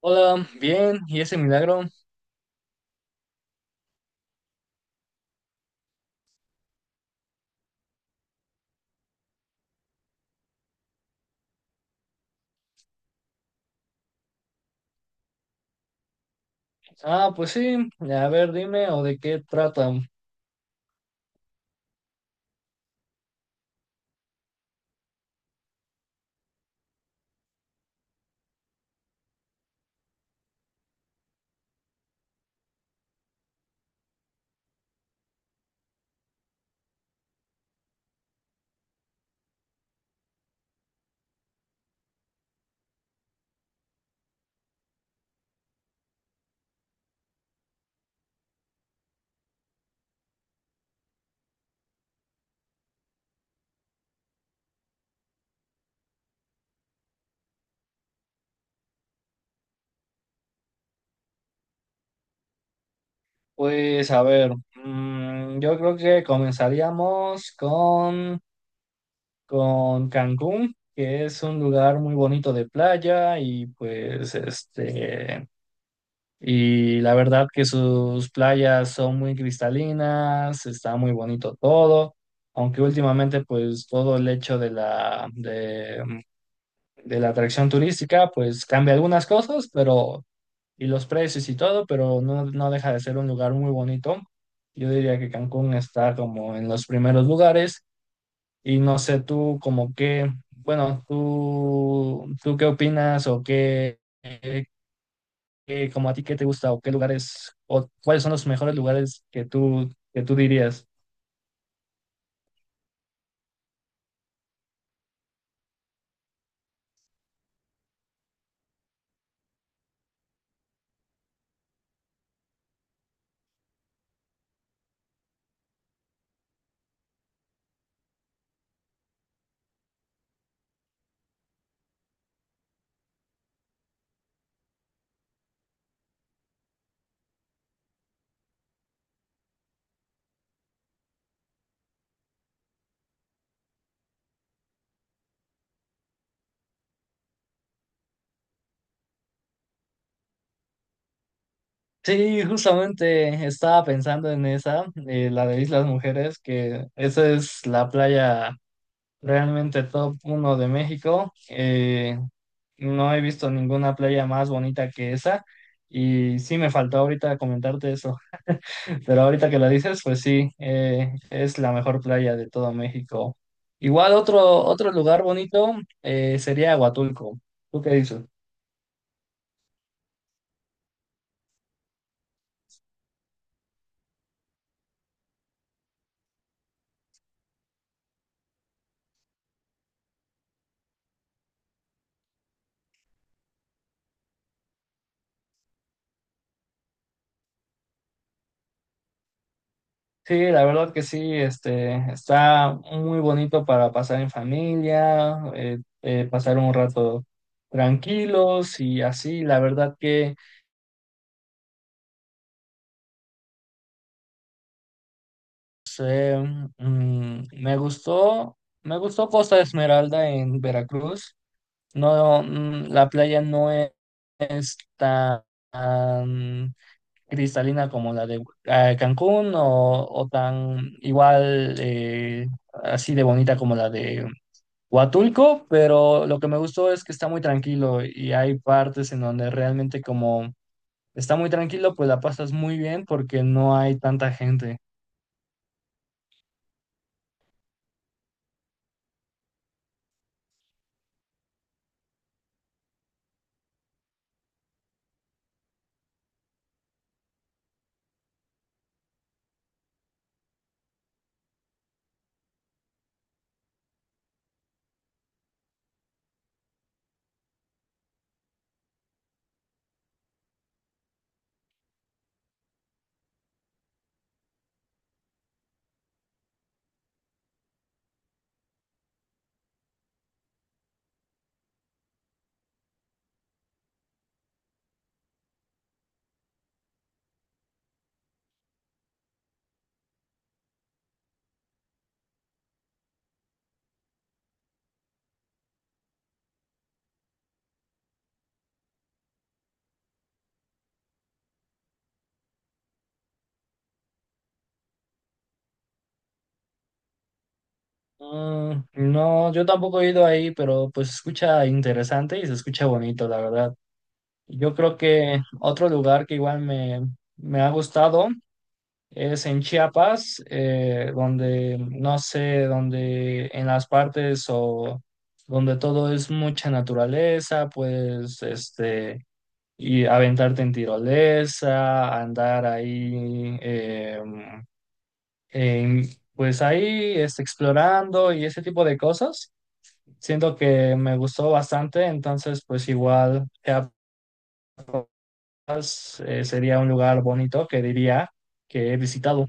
Hola, bien, ¿y ese milagro? Ah, pues sí, a ver, dime, ¿o de qué tratan? Pues a ver, yo creo que comenzaríamos con Cancún, que es un lugar muy bonito de playa y la verdad que sus playas son muy cristalinas, está muy bonito todo, aunque últimamente pues todo el hecho de la atracción turística, pues cambia algunas cosas, pero y los precios y todo, pero no, no deja de ser un lugar muy bonito. Yo diría que Cancún está como en los primeros lugares y no sé tú como qué, bueno, tú qué opinas o como a ti qué te gusta o qué lugares o cuáles son los mejores lugares que tú dirías. Sí, justamente estaba pensando en esa, la de Islas Mujeres, que esa es la playa realmente top uno de México. No he visto ninguna playa más bonita que esa. Y sí me faltó ahorita comentarte eso. Pero ahorita que lo dices, pues sí, es la mejor playa de todo México. Igual otro lugar bonito, sería Huatulco. ¿Tú qué dices? Sí, la verdad que sí, está muy bonito para pasar en familia, pasar un rato tranquilos y así, la verdad que sí, me gustó Costa Esmeralda en Veracruz. No, la playa no e- es tan cristalina como la de Cancún , o tan igual, así de bonita como la de Huatulco, pero lo que me gustó es que está muy tranquilo y hay partes en donde realmente como está muy tranquilo, pues la pasas muy bien porque no hay tanta gente. No, yo tampoco he ido ahí, pero pues se escucha interesante y se escucha bonito, la verdad. Yo creo que otro lugar que igual me ha gustado es en Chiapas, donde, no sé, donde en las partes o donde todo es mucha naturaleza, pues, y aventarte en tirolesa, andar ahí, en- pues ahí, explorando y ese tipo de cosas. Siento que me gustó bastante, entonces pues igual Chiapas, sería un lugar bonito que diría que he visitado.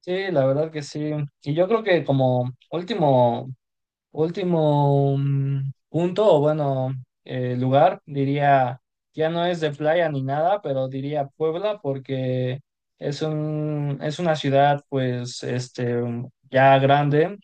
Sí, la verdad que sí. Y yo creo que como último punto, o bueno, lugar, diría, ya no es de playa ni nada, pero diría Puebla porque es una ciudad pues ya grande,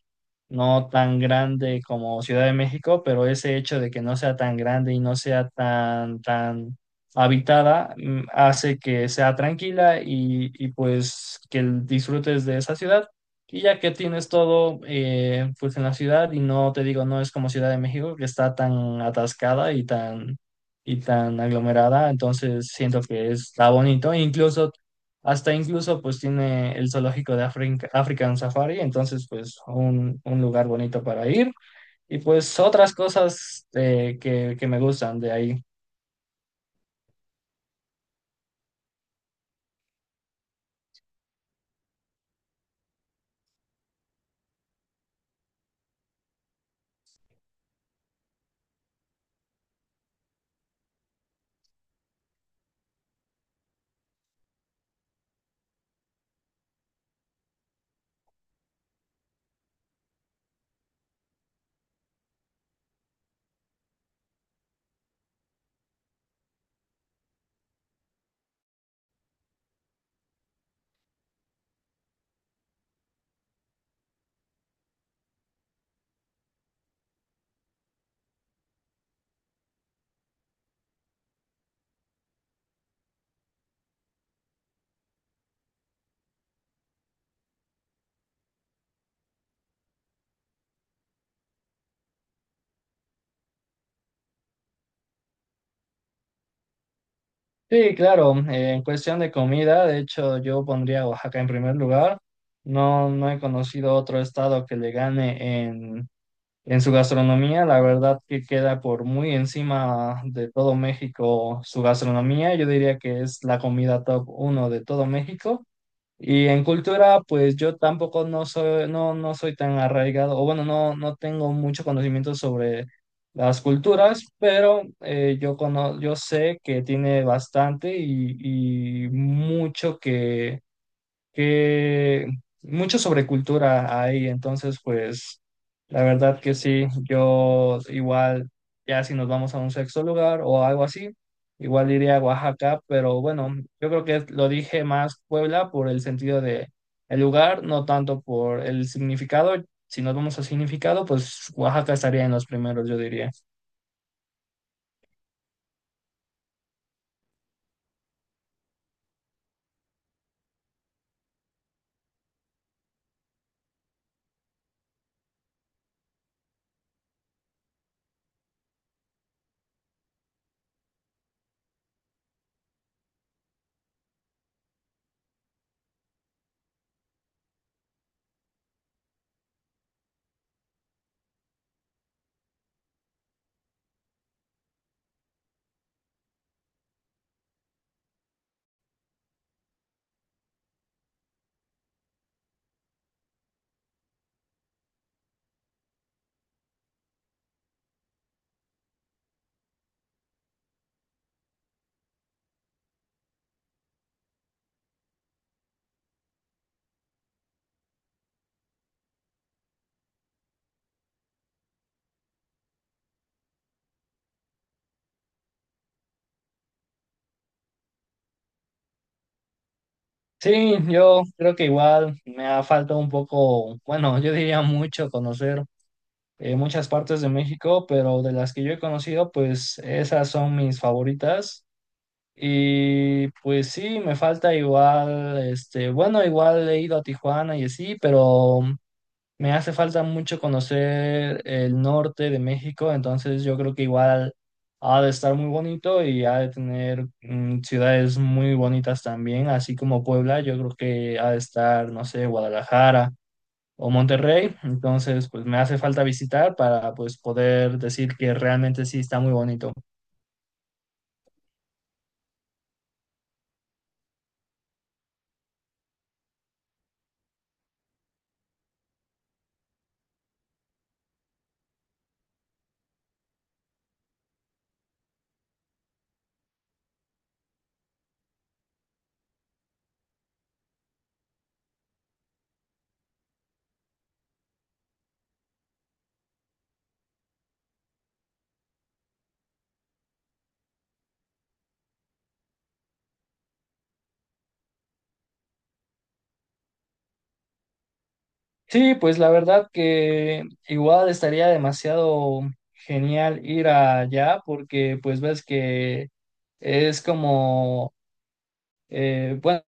no tan grande como Ciudad de México, pero ese hecho de que no sea tan grande y no sea tan habitada, hace que sea tranquila y pues que disfrutes de esa ciudad. Y ya que tienes todo, pues en la ciudad y no te digo, no es como Ciudad de México que está tan atascada y tan aglomerada, entonces siento que está bonito, incluso hasta incluso pues tiene el zoológico de African Safari, entonces pues un lugar bonito para ir y pues otras cosas, que me gustan de ahí. Sí, claro, en cuestión de comida, de hecho yo pondría a Oaxaca en primer lugar. No, no he conocido otro estado que le gane en su gastronomía. La verdad que queda por muy encima de todo México su gastronomía. Yo diría que es la comida top uno de todo México. Y en cultura, pues yo tampoco no, no soy tan arraigado, o bueno, no, no tengo mucho conocimiento sobre las culturas, pero yo sé que tiene bastante y mucho que mucha sobrecultura hay, entonces pues la verdad que sí, yo igual ya si nos vamos a un sexto lugar o algo así, igual iría a Oaxaca, pero bueno, yo creo que lo dije más Puebla por el sentido de el lugar, no tanto por el significado. Si nos vamos al significado, pues Oaxaca estaría en los primeros, yo diría. Sí, yo creo que igual me ha faltado un poco, bueno, yo diría mucho conocer en muchas partes de México, pero de las que yo he conocido, pues esas son mis favoritas. Y pues sí, me falta igual, bueno, igual he ido a Tijuana y así, pero me hace falta mucho conocer el norte de México, entonces yo creo que igual ha de estar muy bonito y ha de tener, ciudades muy bonitas también, así como Puebla, yo creo que ha de estar, no sé, Guadalajara o Monterrey, entonces pues me hace falta visitar para pues poder decir que realmente sí está muy bonito. Sí, pues la verdad que igual estaría demasiado genial ir allá porque pues ves que es como, bueno,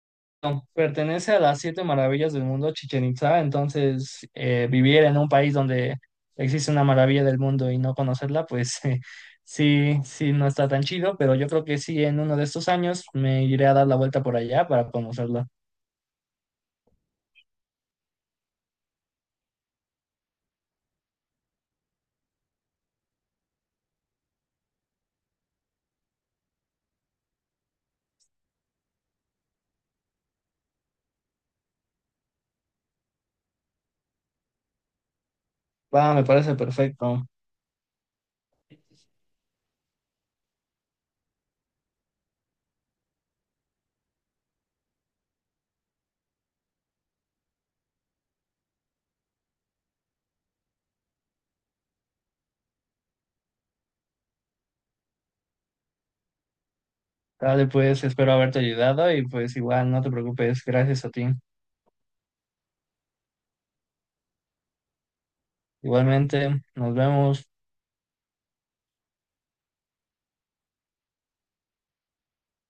pertenece a las siete maravillas del mundo, Chichen Itza, entonces vivir en un país donde existe una maravilla del mundo y no conocerla, pues sí, sí, no está tan chido, pero yo creo que sí, en uno de estos años me iré a dar la vuelta por allá para conocerla. Va, me parece perfecto. Dale, pues espero haberte ayudado y pues igual no te preocupes, gracias a ti. Igualmente, nos vemos.